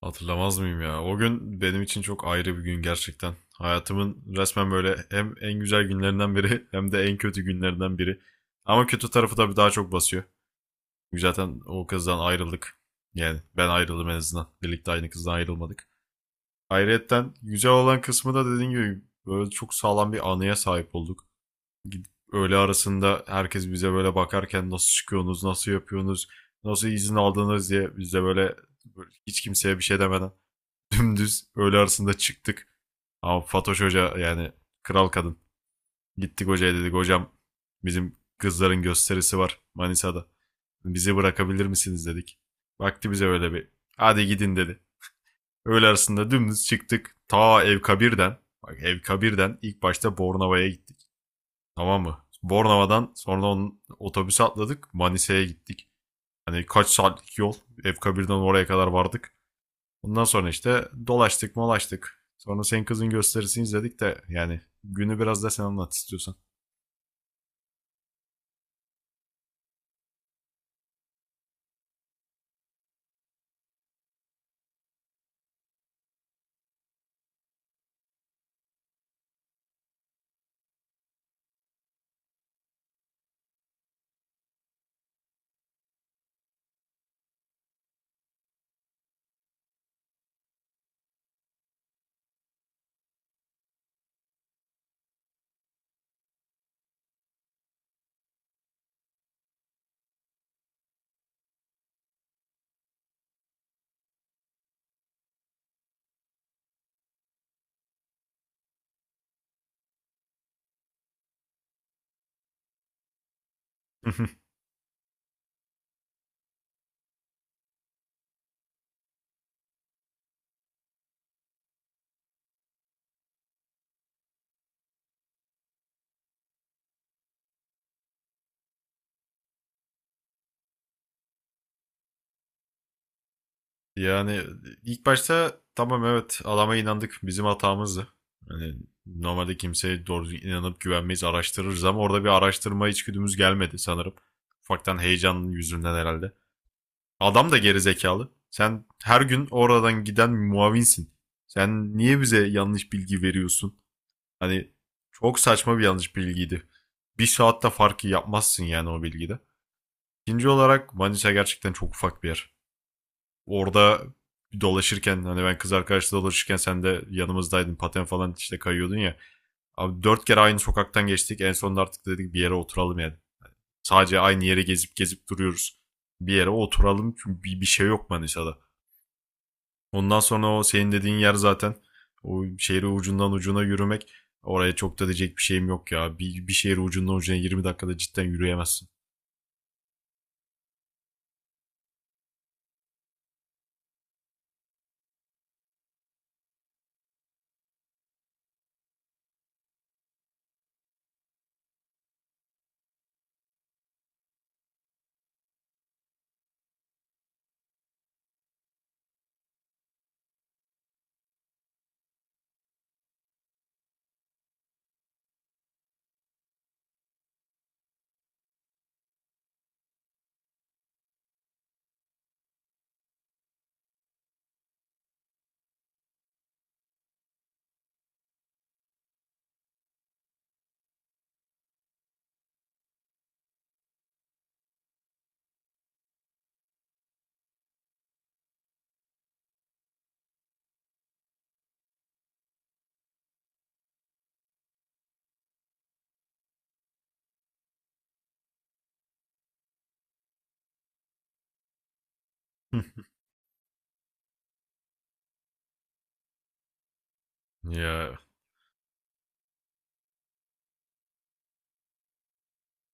Hatırlamaz mıyım ya? O gün benim için çok ayrı bir gün gerçekten. Hayatımın resmen böyle hem en güzel günlerinden biri hem de en kötü günlerinden biri. Ama kötü tarafı tabii daha çok basıyor. Çünkü zaten o kızdan ayrıldık. Yani ben ayrıldım en azından. Birlikte aynı kızdan ayrılmadık. Ayrıyetten güzel olan kısmı da dediğim gibi böyle çok sağlam bir anıya sahip olduk. Gidip öğle arasında herkes bize böyle bakarken nasıl çıkıyorsunuz, nasıl yapıyorsunuz, nasıl izin aldınız diye bize böyle, böyle hiç kimseye bir şey demeden dümdüz öğle arasında çıktık. Ama Fatoş Hoca yani kral kadın. Gittik hocaya, dedik hocam bizim kızların gösterisi var Manisa'da. Bizi bırakabilir misiniz, dedik. Baktı bize öyle bir, hadi gidin dedi. Öğle arasında dümdüz çıktık. Ta Evkabir'den, bak Evkabir'den ilk başta Bornova'ya gittik. Tamam mı? Bornova'dan sonra onun otobüse atladık, Manisa'ya gittik. Hani kaç saatlik yol Evkabir'den oraya kadar vardık. Ondan sonra işte dolaştık molaştık. Sonra senin kızın gösterisini izledik de yani günü biraz da sen anlat istiyorsan. Yani ilk başta tamam, evet, adama inandık, bizim hatamızdı. Yani normalde kimseye doğru inanıp güvenmeyiz, araştırırız ama orada bir araştırma içgüdümüz gelmedi sanırım. Ufaktan heyecanın yüzünden herhalde. Adam da geri zekalı. Sen her gün oradan giden muavinsin. Sen niye bize yanlış bilgi veriyorsun? Hani çok saçma bir yanlış bilgiydi. Bir saatte farkı yapmazsın yani o bilgide. İkinci olarak Manisa gerçekten çok ufak bir yer. Orada dolaşırken hani ben kız arkadaşla dolaşırken sen de yanımızdaydın, paten falan işte kayıyordun ya. Abi dört kere aynı sokaktan geçtik, en sonunda artık dedik bir yere oturalım yani. Sadece aynı yere gezip gezip duruyoruz. Bir yere oturalım çünkü bir şey yok Manisa'da. Ondan sonra o senin dediğin yer zaten o şehri ucundan ucuna yürümek, oraya çok da diyecek bir şeyim yok ya. Bir şehri ucundan ucuna 20 dakikada cidden yürüyemezsin. Ya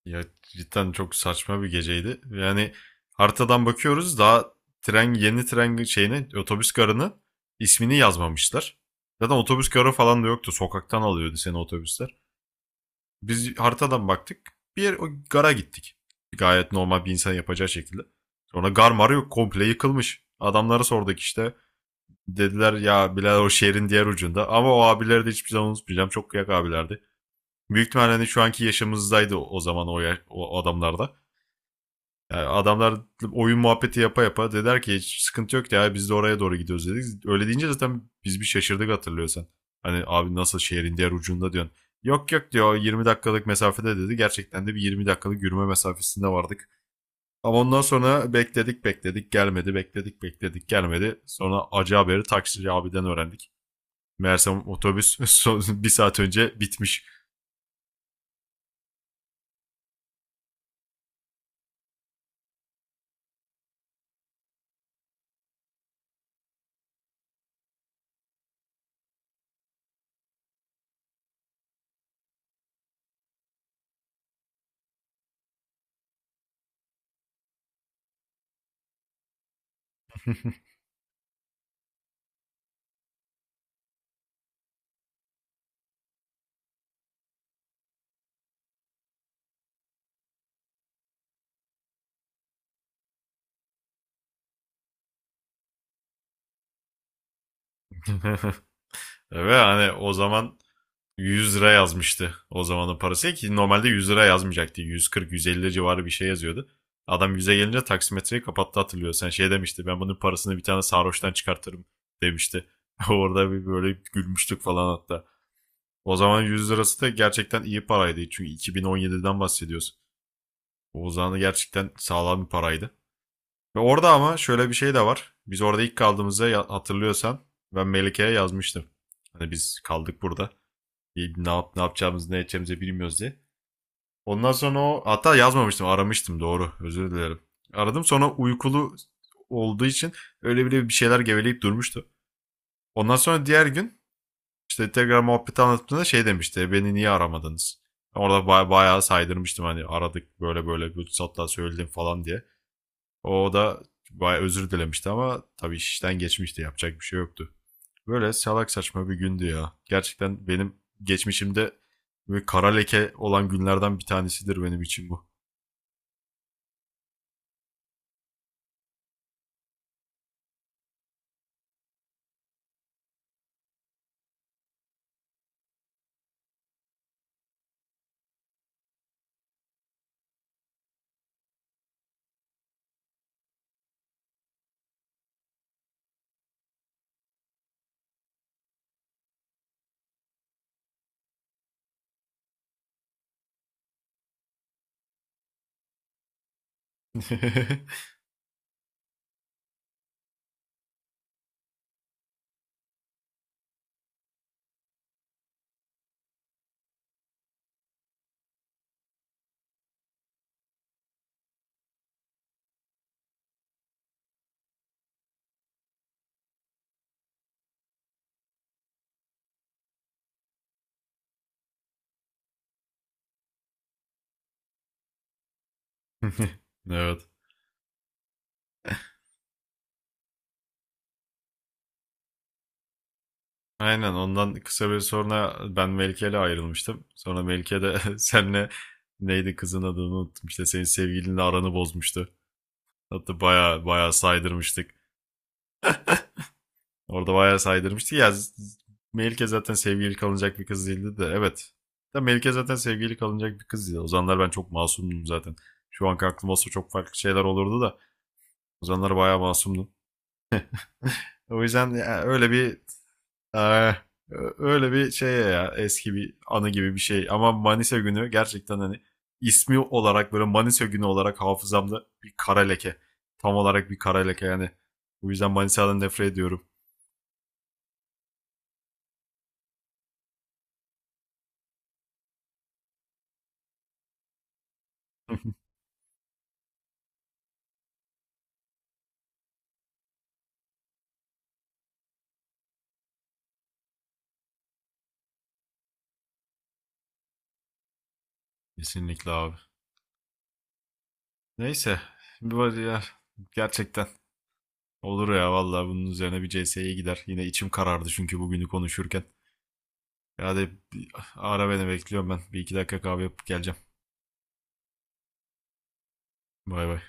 ya cidden çok saçma bir geceydi. Yani haritadan bakıyoruz daha, tren yeni tren şeyine otobüs garını ismini yazmamışlar. Zaten otobüs garı falan da yoktu. Sokaktan alıyordu seni otobüsler. Biz haritadan baktık. Bir yer, o gara gittik. Gayet normal bir insan yapacağı şekilde. Sonra gar mar yok. Komple yıkılmış. Adamlara sorduk işte. Dediler ya Bilal o şehrin diğer ucunda. Ama o abileri de hiçbir zaman unutmayacağım. Çok kıyak abilerdi. Büyük ihtimalle hani şu anki yaşımızdaydı o zaman o adamlarda. Yani adamlar oyun muhabbeti yapa yapa dediler ki hiç sıkıntı yok ya, biz de oraya doğru gidiyoruz dedik. Öyle deyince zaten biz bir şaşırdık, hatırlıyorsan. Hani abi nasıl şehrin diğer ucunda diyorsun. Yok yok diyor, 20 dakikalık mesafede dedi. Gerçekten de bir 20 dakikalık yürüme mesafesinde vardık. Ama ondan sonra bekledik bekledik gelmedi, bekledik bekledik gelmedi. Sonra acı haberi taksici abiden öğrendik. Meğersem otobüs bir saat önce bitmiş. Ve hani o zaman 100 lira yazmıştı o zamanın parası ki normalde 100 lira yazmayacaktı. 140-150 civarı bir şey yazıyordu. Adam 100'e gelince taksimetreyi kapattı, hatırlıyor. Sen şey demişti, ben bunun parasını bir tane sarhoştan çıkartırım demişti. Orada bir böyle gülmüştük falan hatta. O zaman 100 lirası da gerçekten iyi paraydı. Çünkü 2017'den bahsediyoruz. O zaman gerçekten sağlam bir paraydı. Ve orada ama şöyle bir şey de var. Biz orada ilk kaldığımızda hatırlıyorsan ben Melike'ye yazmıştım. Hani biz kaldık burada ne yapacağımızı ne edeceğimizi bilmiyoruz diye. Ondan sonra o hatta yazmamıştım, aramıştım, doğru, özür dilerim. Aradım, sonra uykulu olduğu için öyle bile bir şeyler geveleyip durmuştu. Ondan sonra diğer gün işte tekrar muhabbeti anlattığında şey demişti, beni niye aramadınız? Orada bayağı saydırmıştım, hani aradık böyle böyle bir hatta söyledim falan diye. O da bayağı özür dilemişti ama tabii işten geçmişti, yapacak bir şey yoktu. Böyle salak saçma bir gündü ya. Gerçekten benim geçmişimde böyle kara leke olan günlerden bir tanesidir benim için bu. Evet. Aynen, ondan kısa bir sonra ben Melike ile ayrılmıştım. Sonra Melike de senle, neydi, kızın adını unuttum işte, senin sevgilinle aranı bozmuştu. Hatta baya baya saydırmıştık. Orada bayağı saydırmıştı. Ya Melike zaten sevgili kalınacak bir kız değildi de, evet. Da Melike zaten sevgili kalınacak bir kız. O zamanlar ben çok masumdum zaten. Şu anki aklım olsa çok farklı şeyler olurdu da o zamanlar bayağı masumdum. O yüzden öyle bir eh, öyle bir şey ya, eski bir anı gibi bir şey. Ama Manisa günü gerçekten hani ismi olarak böyle Manisa günü olarak hafızamda bir kara leke. Tam olarak bir kara leke yani. O yüzden Manisa'dan nefret ediyorum. Kesinlikle abi. Neyse. Bu var ya, gerçekten olur ya vallahi, bunun üzerine bir CS'ye gider. Yine içim karardı çünkü bugünü konuşurken. Hadi ara beni, bekliyorum ben. Bir iki dakika kahve yapıp geleceğim. Bay bay.